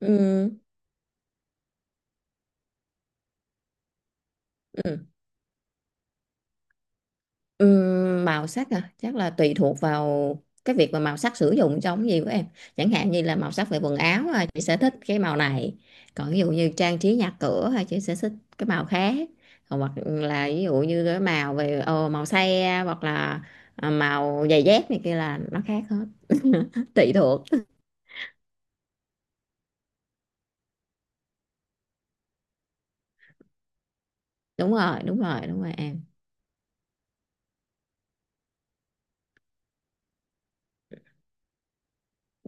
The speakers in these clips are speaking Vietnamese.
Ừ, ừ. Ừ, màu sắc à chắc là tùy thuộc vào cái việc mà màu sắc sử dụng trong cái gì của em, chẳng hạn như là màu sắc về quần áo à, chị sẽ thích cái màu này, còn ví dụ như trang trí nhà cửa à, chị sẽ thích cái màu khác, còn hoặc là ví dụ như cái màu về màu xe hoặc là màu giày dép này kia là nó khác hết tùy thuộc. Đúng rồi, đúng rồi, đúng rồi em.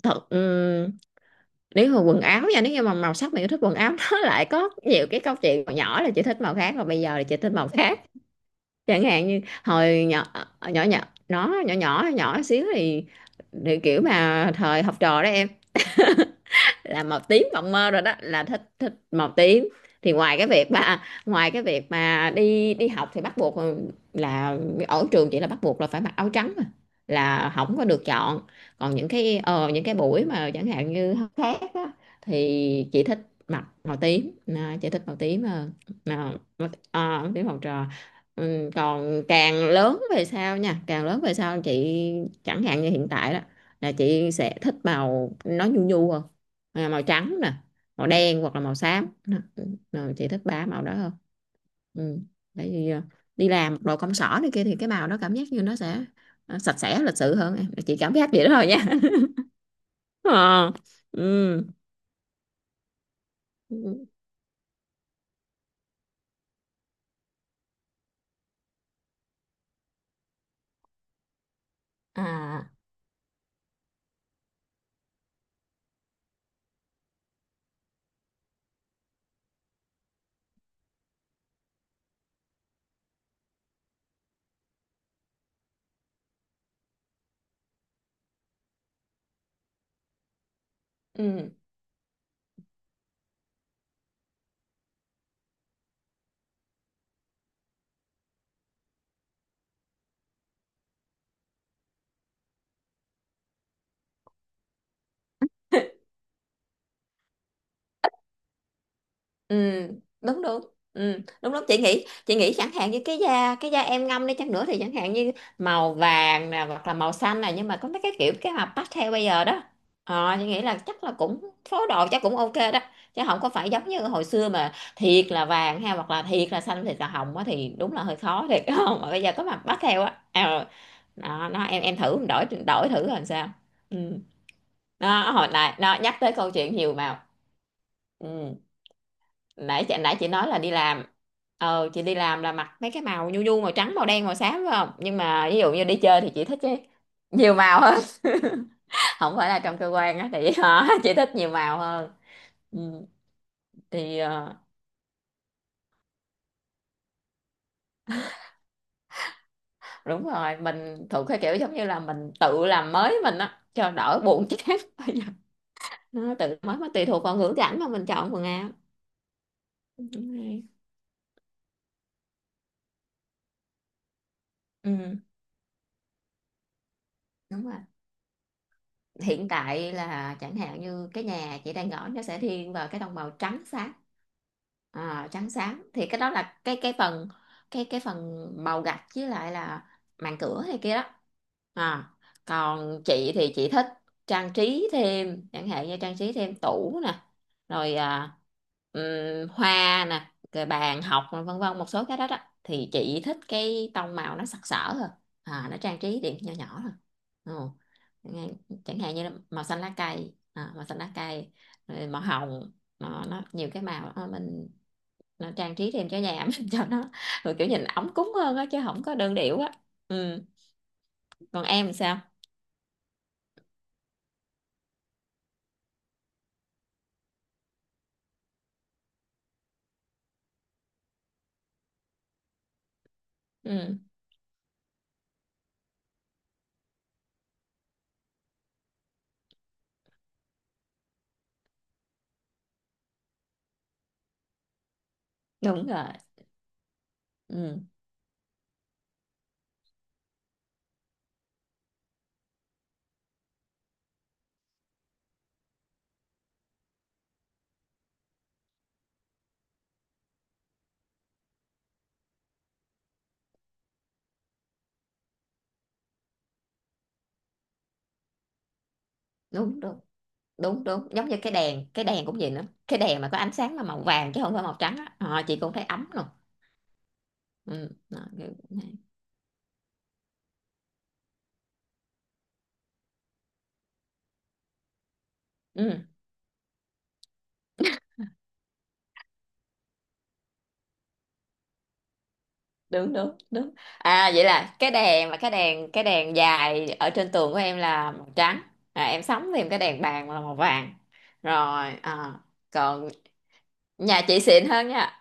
Thật, nếu mà quần áo nha, nếu như mà màu sắc mà yêu thích quần áo nó lại có nhiều cái câu chuyện, hồi nhỏ là chị thích màu khác và bây giờ là chị thích màu khác. Chẳng hạn như hồi nhỏ, nhỏ nhỏ, nó nhỏ nhỏ nhỏ xíu thì kiểu mà thời học trò đó em, là màu tím mộng mơ rồi đó, là thích, thích màu tím. Thì ngoài cái việc mà đi đi học thì bắt buộc là ở trường chỉ là bắt buộc là phải mặc áo trắng mà, là không có được chọn. Còn những cái những cái buổi mà chẳng hạn như học khác á, thì chị thích mặc màu tím, à, chị thích màu tím hơn. À, à, tím màu trò. Ừ, còn càng lớn về sau chị, chẳng hạn như hiện tại đó, là chị sẽ thích màu nó nhu nhu hơn, à, màu trắng nè, màu đen hoặc là màu xám. Đó, rồi chị thích ba màu đó hơn. Ừ, tại vì à, đi làm đồ công sở này kia thì cái màu đó cảm giác như nó sẽ à, sạch sẽ lịch sự hơn em, chị cảm giác vậy đó thôi nha. Ờ. Ừ. À. Ừ. ừ đúng đúng ừ, đúng đúng, chị nghĩ chẳng hạn như cái da em ngâm đi chăng nữa thì chẳng hạn như màu vàng nè hoặc là màu xanh nè, nhưng mà có mấy cái kiểu cái mà pastel bây giờ đó, ờ chị nghĩ là chắc là cũng phối đồ chắc cũng ok đó, chứ không có phải giống như hồi xưa mà thiệt là vàng ha, hoặc là thiệt là xanh, thiệt là hồng á thì đúng là hơi khó thiệt. Không, mà bây giờ có mặt pastel á, ờ. Đó, nó em thử đổi, đổi thử làm sao. Ừ, nó hồi nãy nó nhắc tới câu chuyện nhiều màu. Ừ, nãy chị nói là đi làm, ờ chị đi làm là mặc mấy cái màu nhu nhu, màu trắng màu đen màu xám phải không, nhưng mà ví dụ như đi chơi thì chị thích cái nhiều màu hơn. Không phải là trong cơ quan á thì hả, chị thích nhiều màu hơn. ừ, thì ờ, Đúng rồi, mình thuộc cái kiểu giống như là mình tự làm mới mình á cho đỡ buồn chán bây giờ, nó tự mới mà tùy thuộc vào ngữ cảnh mà mình chọn quần áo. Đúng rồi. Ừ, đúng rồi, hiện tại là chẳng hạn như cái nhà chị đang ở, nó sẽ thiên vào cái tông màu trắng sáng. À, trắng sáng thì cái đó là cái phần, cái phần màu gạch với lại là màn cửa hay kia đó. À, còn chị thích trang trí thêm, chẳng hạn như trang trí thêm tủ nè, rồi à, hoa nè, rồi bàn học nè, vân vân một số cái đó đó, thì chị thích cái tông màu nó sặc sỡ thôi, à, nó trang trí điểm nhỏ nhỏ thôi. Ừ. Nghe- chẳng hạn như là màu xanh lá cây, à, màu xanh lá cây, rồi màu hồng. Nó nhiều cái màu đó, mình nó trang trí thêm cho nhà ấm cho nó, rồi kiểu nhìn ấm cúng hơn á, chứ không có đơn điệu á. Ừ. Còn em sao? Ừ, đúng rồi. Ừ, đúng đúng đúng, đúng giống như cái đèn, cái đèn cũng vậy nữa, cái đèn mà có ánh sáng mà màu vàng chứ không phải màu trắng á. Ờ, chị cũng thấy ấm rồi. Ừ. Đó, kiểu- ừ. Đúng đúng đúng, à vậy là cái đèn, mà cái đèn, cái đèn dài ở trên tường của em là màu trắng, à, em sắm thêm cái đèn bàn là màu vàng, rồi à, còn nhà chị xịn hơn nha,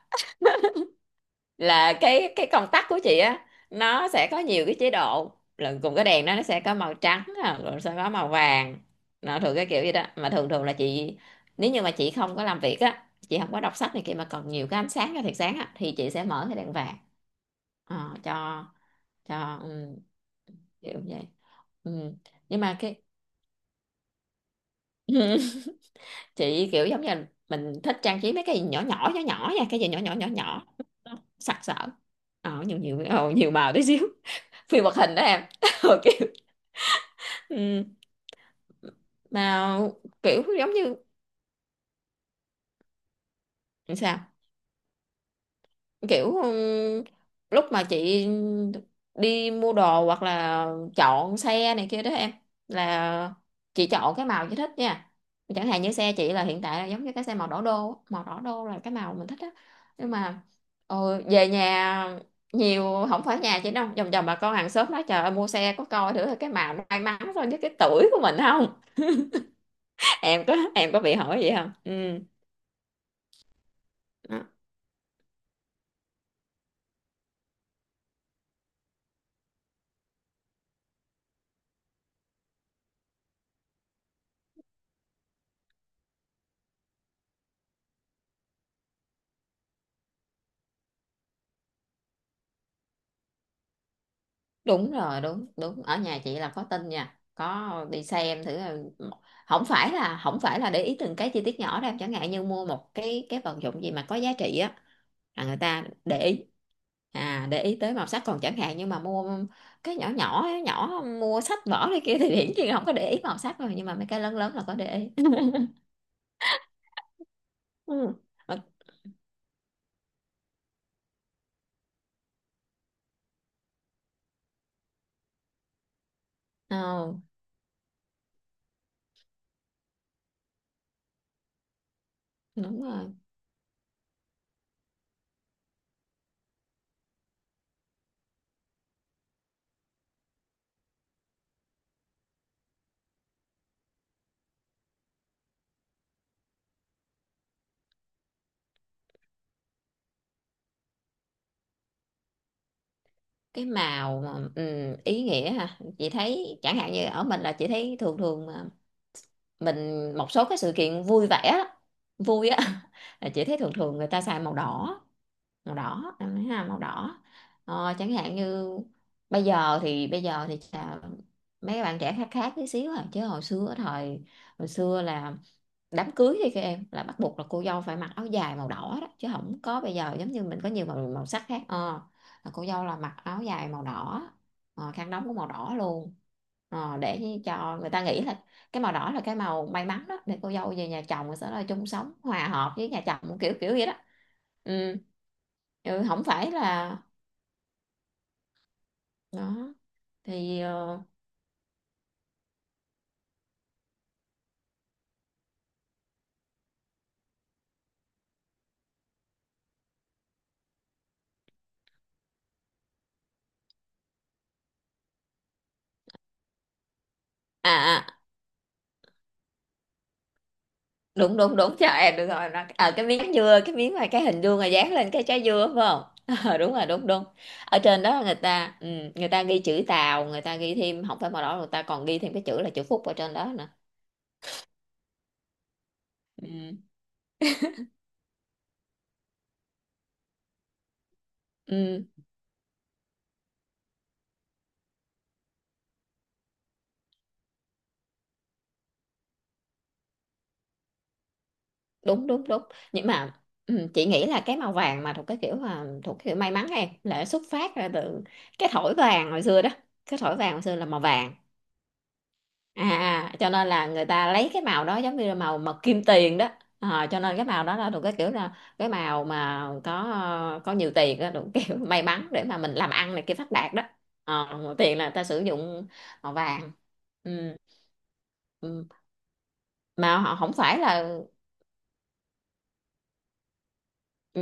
là cái công tắc của chị á, nó sẽ có nhiều cái chế độ, lần cùng cái đèn đó nó sẽ có màu trắng nè, rồi sẽ có màu vàng. Nó thường cái kiểu vậy đó, mà thường thường là chị, nếu như mà chị không có làm việc á, chị không có đọc sách này kia mà còn nhiều cái ánh sáng cái thiệt sáng á, thì chị sẽ mở cái đèn vàng. Ờ, cho, ừ, kiểu vậy. Ừ, nhưng mà cái chị kiểu giống như là mình thích trang trí mấy cái gì nhỏ nhỏ nhỏ nhỏ nha, cái gì nhỏ nhỏ nhỏ nhỏ, nó sặc sỡ, ờ nhiều nhiều, ờ, nhiều màu tí xíu, phim hoạt hình đó em. Ờ, kiểu ừ. Mà kiểu giống như sao, kiểu lúc mà chị đi mua đồ hoặc là chọn xe này kia đó em, là chị chọn cái màu chị thích nha, chẳng hạn như xe chị là hiện tại là giống như cái xe màu đỏ đô á. Màu đỏ đô là cái màu mình thích á, nhưng mà ờ, về nhà nhiều, không phải nhà chị đâu, vòng vòng bà con hàng xóm nói trời ơi mua xe có coi thử là cái màu nó may mắn so với cái tuổi của mình không. Em có, em có bị hỏi vậy không? Ừ, đúng rồi, đúng đúng, ở nhà chị là có tin nha, có đi xem thử là- không phải là để ý từng cái chi tiết nhỏ đâu, chẳng hạn như mua một cái vật dụng gì mà có giá trị á, là người ta để ý, à để ý tới màu sắc, còn chẳng hạn như mà mua cái nhỏ nhỏ nhỏ, mua sách vở này kia thì hiển nhiên là không có để ý màu sắc rồi, nhưng mà mấy cái lớn lớn là có để ý. Ừ. Ờ, đúng rồi. Cái màu mà ý nghĩa ha, chị thấy chẳng hạn như ở mình là chị thấy thường thường mình một số cái sự kiện vui vẻ á, vui á, là chị thấy thường thường người ta xài màu đỏ, màu đỏ em thấy ha, màu đỏ. Ờ, chẳng hạn như bây giờ thì chà, mấy bạn trẻ khác, khác tí xíu à, chứ hồi xưa thời, hồi xưa là đám cưới thì các em là bắt buộc là cô dâu phải mặc áo dài màu đỏ đó, chứ không có bây giờ giống như mình có nhiều màu, màu sắc khác, ờ, là cô dâu là mặc áo dài màu đỏ, ờ, khăn đóng cũng màu đỏ luôn. Ờ, để cho người ta nghĩ là cái màu đỏ là cái màu may mắn đó, để cô dâu về nhà chồng rồi sẽ là chung sống hòa hợp với nhà chồng, kiểu kiểu vậy đó. ừ, ừ không phải là đó, thì ờ, à, à đúng đúng đúng, trời em được rồi, nó ở cái miếng dưa, cái miếng mà cái hình vuông mà dán lên cái trái dưa phải không? Ờ, đúng rồi, đúng đúng, ở trên đó người ta người ta ghi chữ Tàu, người ta ghi thêm, không phải màu đỏ, người ta còn ghi thêm cái chữ là chữ Phúc ở trên đó nữa. ừ, ừ, đúng đúng đúng, nhưng mà chị nghĩ là cái màu vàng mà thuộc cái kiểu, mà thuộc cái kiểu may mắn em, là nó xuất phát ra từ cái thỏi vàng hồi xưa đó, cái thỏi vàng hồi xưa là màu vàng, à à, cho nên là người ta lấy cái màu đó giống như là màu, màu kim tiền đó. Ờ, cho nên cái màu đó là thuộc cái kiểu là cái màu mà có nhiều tiền đó, thuộc kiểu may mắn để mà mình làm ăn này kia phát đạt đó. Ờ, tiền là ta sử dụng màu vàng. Ừ. Ừ. Mà họ không phải là ừ,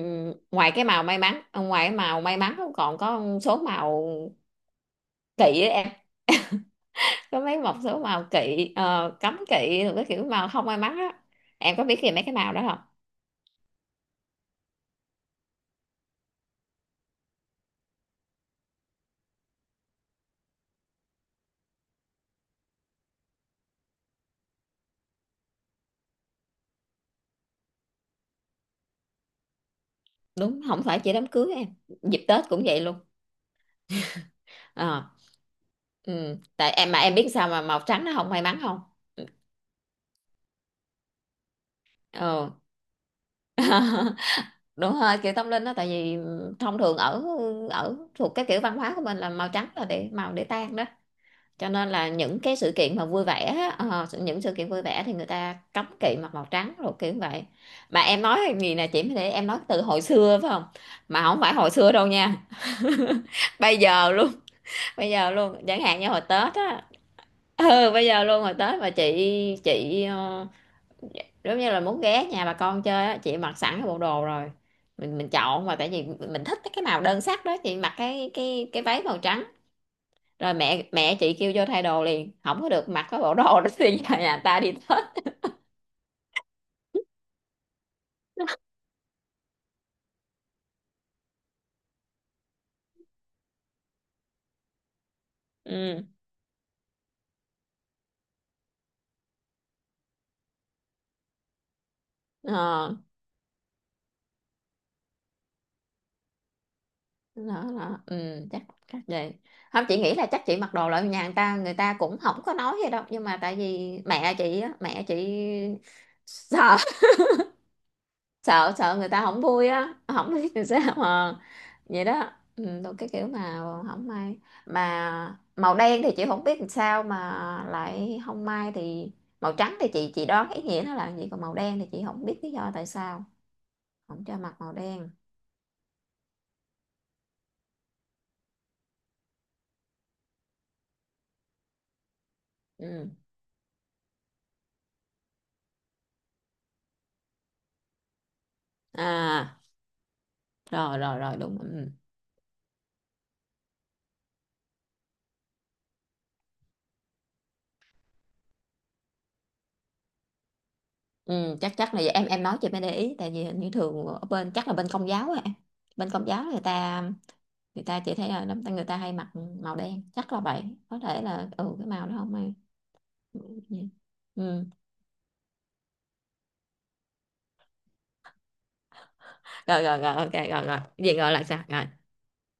ngoài cái màu may mắn, ngoài cái màu may mắn còn có số màu kỵ ấy em, có mấy một số màu kỵ, ờ, cấm kỵ rồi cái kiểu màu không may mắn á. Em có biết gì mấy cái màu đó? Đúng, không phải chỉ đám cưới em, dịp Tết cũng vậy luôn. Ờ, ừ, tại em mà em biết sao mà màu trắng nó không may mắn không? Ừ. Đúng rồi, kiểu tâm linh đó, tại vì thông thường ở, ở thuộc cái kiểu văn hóa của mình là màu trắng là để màu để tan đó, cho nên là những cái sự kiện mà vui vẻ á, ờ, những sự kiện vui vẻ thì người ta cấm kỵ mặc màu trắng rồi, kiểu vậy. Mà em nói cái gì nè chị mới để em nói từ hồi xưa phải không? Mà không phải hồi xưa đâu nha. Bây giờ luôn, bây giờ luôn, chẳng hạn như hồi Tết á. Ừ bây giờ luôn, rồi Tết mà chị ờ, giống như là muốn ghé nhà bà con chơi á, chị mặc sẵn cái bộ đồ rồi, mình chọn mà tại vì mình thích cái màu đơn sắc đó, chị mặc cái cái váy màu trắng, rồi mẹ mẹ chị kêu vô thay đồ liền, không có được mặc cái bộ đồ đó, thì giờ nhà ta đi Tết. Ừ. Ờ đó, đó. Ừ chắc, chắc vậy, không chị nghĩ là chắc chị mặc đồ lại nhà người ta, người ta cũng không có nói gì đâu, nhưng mà tại vì mẹ chị á, mẹ chị sợ, sợ người ta không vui á, không biết làm sao mà vậy đó, ừ, tôi cái kiểu mà không may. Mà màu đen thì chị không biết làm sao mà lại không may, thì màu trắng thì chị đoán ý nghĩa nó là gì, còn màu đen thì chị không biết lý do tại sao không cho mặc màu đen. Ừ. À, rồi rồi rồi đúng ừ. Ừ, chắc chắc là vậy. Em nói chị mới để ý, tại vì hình như thường ở bên chắc là bên công giáo á em, bên công giáo người ta, người ta chỉ thấy là đám người ta hay mặc màu đen, chắc là vậy, có thể là ừ cái màu đó không ai. Ừ, rồi rồi rồi ok, rồi rồi, vậy gọi là sao rồi?